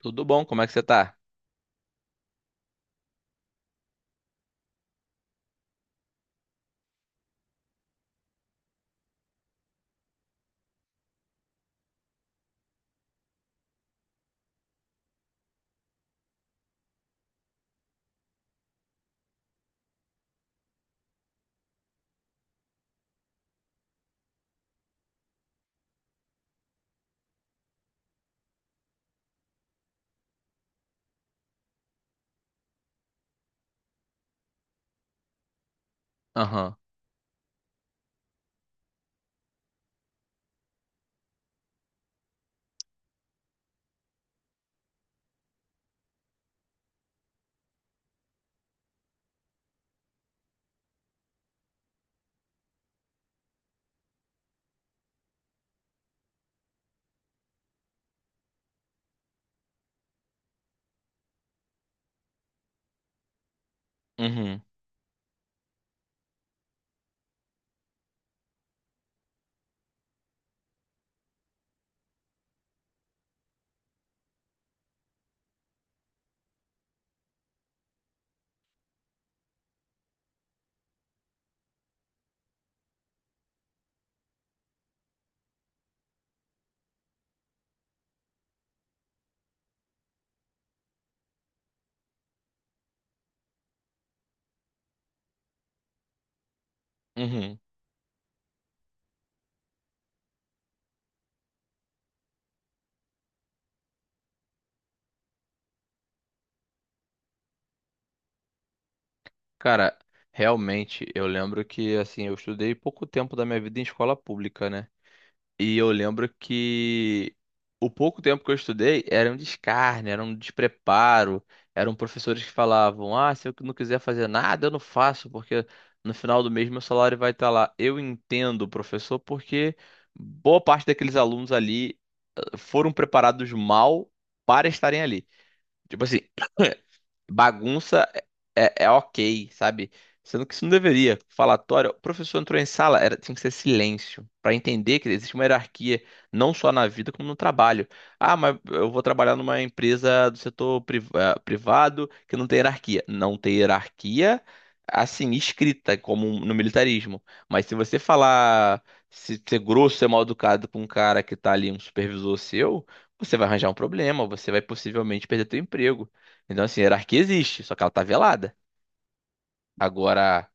Tudo bom? Como é que você tá? Aham. Uhum. Uhum. Cara, realmente, eu lembro que, assim, eu estudei pouco tempo da minha vida em escola pública, né? E eu lembro que o pouco tempo que eu estudei era um descarne, era um despreparo, eram professores que falavam: ah, se eu não quiser fazer nada, eu não faço, porque no final do mês meu salário vai estar lá. Eu entendo, professor, porque boa parte daqueles alunos ali foram preparados mal para estarem ali. Tipo assim, bagunça é ok, sabe? Sendo que isso não deveria. Falatório, o professor entrou em sala, era, tinha que ser silêncio, para entender que existe uma hierarquia, não só na vida, como no trabalho. Ah, mas eu vou trabalhar numa empresa do setor privado que não tem hierarquia. Não tem hierarquia, assim, escrita, como no militarismo. Mas se você falar, se ser grosso, ser mal educado com um cara que tá ali, um supervisor seu, você vai arranjar um problema, você vai possivelmente perder teu emprego. Então, assim, a hierarquia existe, só que ela tá velada. Agora,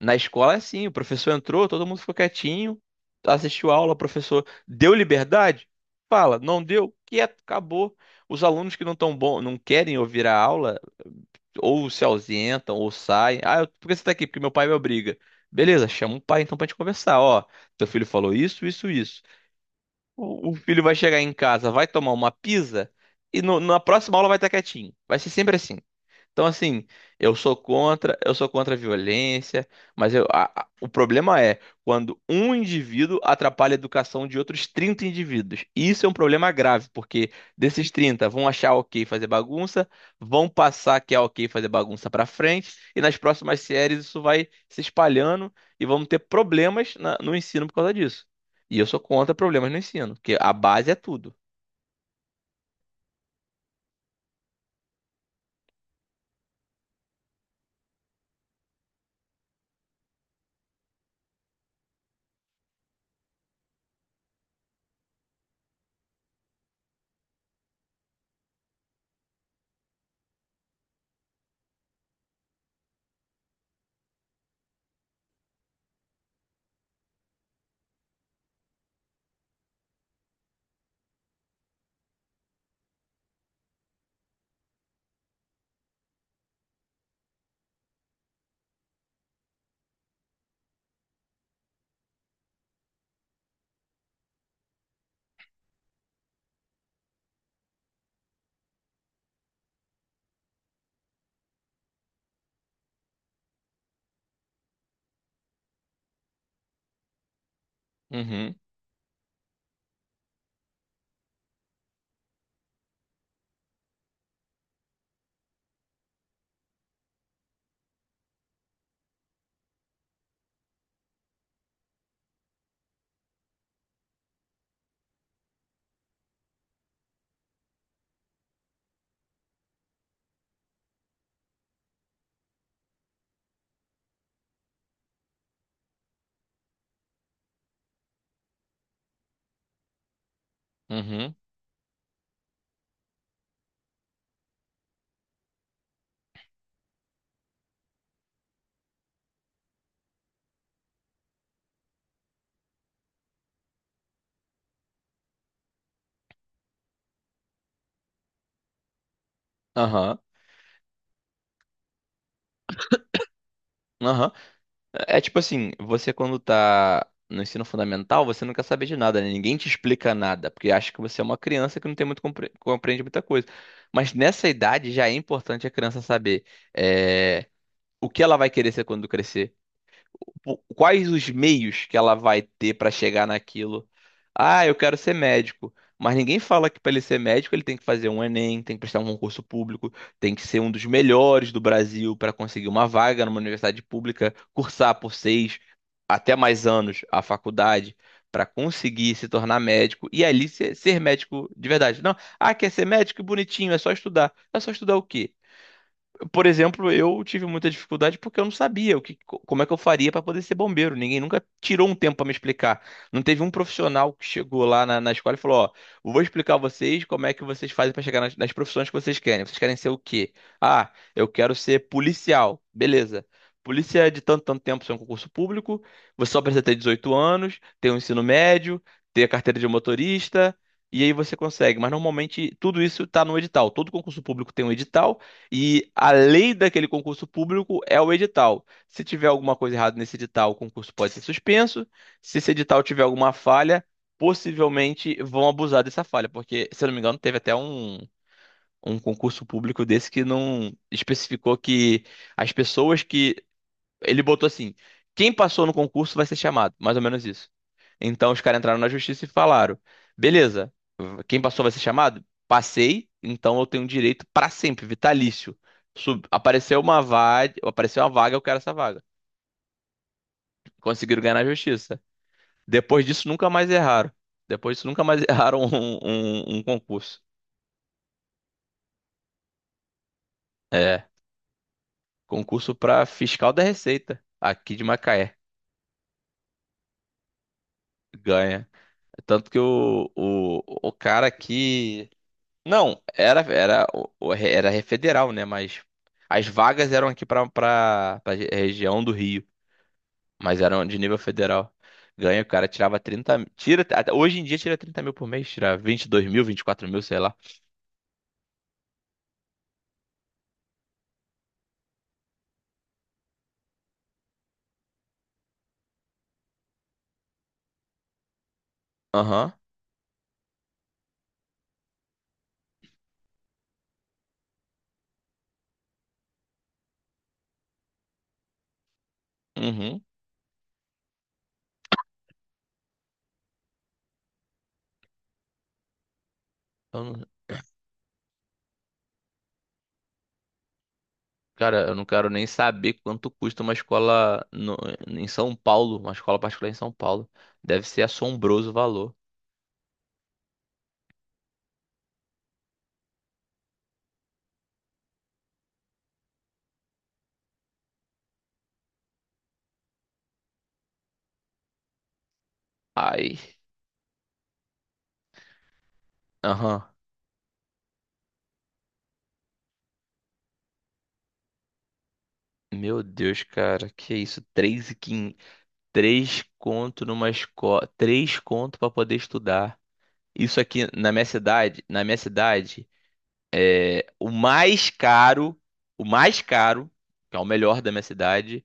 na escola é assim, o professor entrou, todo mundo ficou quietinho, assistiu a aula, o professor deu liberdade, fala, não deu, quieto, acabou. Os alunos que não tão bom, não querem ouvir a aula, ou se ausentam, ou saem. Ah, por que você tá aqui? Porque meu pai me obriga. Beleza, chama o pai então pra gente conversar. Ó, teu filho falou isso, isso, isso. O filho vai chegar em casa, vai tomar uma pizza e na próxima aula vai estar quietinho. Vai ser sempre assim. Então, assim, eu sou contra a violência, mas o problema é quando um indivíduo atrapalha a educação de outros 30 indivíduos. Isso é um problema grave, porque desses 30 vão achar ok fazer bagunça, vão passar que é ok fazer bagunça pra frente, e nas próximas séries isso vai se espalhando e vamos ter problemas no ensino por causa disso. E eu sou contra problemas no ensino, porque a base é tudo. Uhum, uhum, aham, aham. É tipo assim, você quando tá no ensino fundamental, você não quer saber de nada, né? Ninguém te explica nada, porque acha que você é uma criança que não tem muito compreende muita coisa. Mas nessa idade já é importante a criança saber é, o que ela vai querer ser quando crescer, quais os meios que ela vai ter para chegar naquilo. Ah, eu quero ser médico. Mas ninguém fala que para ele ser médico ele tem que fazer um Enem, tem que prestar um concurso público, tem que ser um dos melhores do Brasil para conseguir uma vaga numa universidade pública, cursar por seis até mais anos a faculdade para conseguir se tornar médico e ali ser, ser médico de verdade. Não, ah, quer ser médico? Que bonitinho, é só estudar. É só estudar o quê? Por exemplo, eu tive muita dificuldade porque eu não sabia como é que eu faria para poder ser bombeiro. Ninguém nunca tirou um tempo para me explicar. Não teve um profissional que chegou lá na escola e falou: ó, eu vou explicar a vocês como é que vocês fazem para chegar nas profissões que vocês querem. Vocês querem ser o quê? Ah, eu quero ser policial. Beleza. Polícia é de tanto, tanto tempo, isso é um concurso público. Você só precisa ter 18 anos, ter um ensino médio, ter a carteira de motorista. E aí você consegue, mas normalmente tudo isso está no edital. Todo concurso público tem um edital e a lei daquele concurso público é o edital. Se tiver alguma coisa errada nesse edital, o concurso pode ser suspenso. Se esse edital tiver alguma falha, possivelmente vão abusar dessa falha, porque, se eu não me engano, teve até um concurso público desse que não especificou que as pessoas que ele botou assim: quem passou no concurso vai ser chamado, mais ou menos isso. Então os caras entraram na justiça e falaram: beleza, quem passou vai ser chamado? Passei, então eu tenho direito pra sempre, vitalício. Apareceu uma vaga, eu quero essa vaga. Conseguiram ganhar na justiça. Depois disso, nunca mais erraram. Depois disso, nunca mais erraram um concurso. É, concurso pra fiscal da Receita, aqui de Macaé. Ganha. Tanto que o cara aqui. Não, era federal, né? Mas as vagas eram aqui para região do Rio, mas eram de nível federal. Ganha, o cara tirava 30, mi- tira até- hoje em dia tira 30 mil por mês, tira 24 mil, sei lá. Aham, uhum. Eu não- cara, eu não quero nem saber quanto custa uma escola em São Paulo, uma escola particular em São Paulo. Deve ser assombroso o valor. Ai, aham. Meu Deus, cara, que isso? 3.500. Três conto numa escola, três conto pra poder estudar. Isso aqui na minha cidade, é o mais caro, que é o melhor da minha cidade,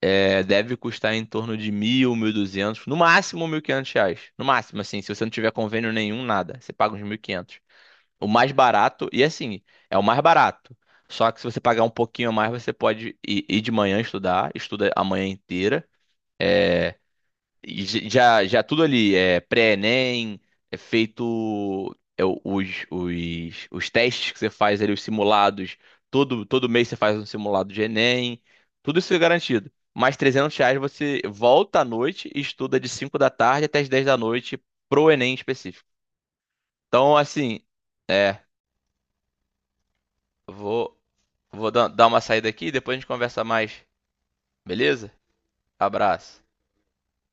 é, deve custar em torno de mil, 1.200, no máximo 1.500 reais, no máximo assim, se você não tiver convênio nenhum, nada, você paga uns 1.500. O mais barato e assim é o mais barato. Só que se você pagar um pouquinho a mais, você pode ir, ir de manhã estudar, estuda a manhã inteira. é, Já, já tudo ali, é pré-ENEM, é feito os testes que você faz ali, os simulados, todo, todo mês você faz um simulado de ENEM, tudo isso é garantido. Mais 300 reais você volta à noite e estuda de 5 da tarde até as 10 da noite pro ENEM específico. Então, assim, é, vou, vou dar uma saída aqui e depois a gente conversa mais, beleza? Abraço.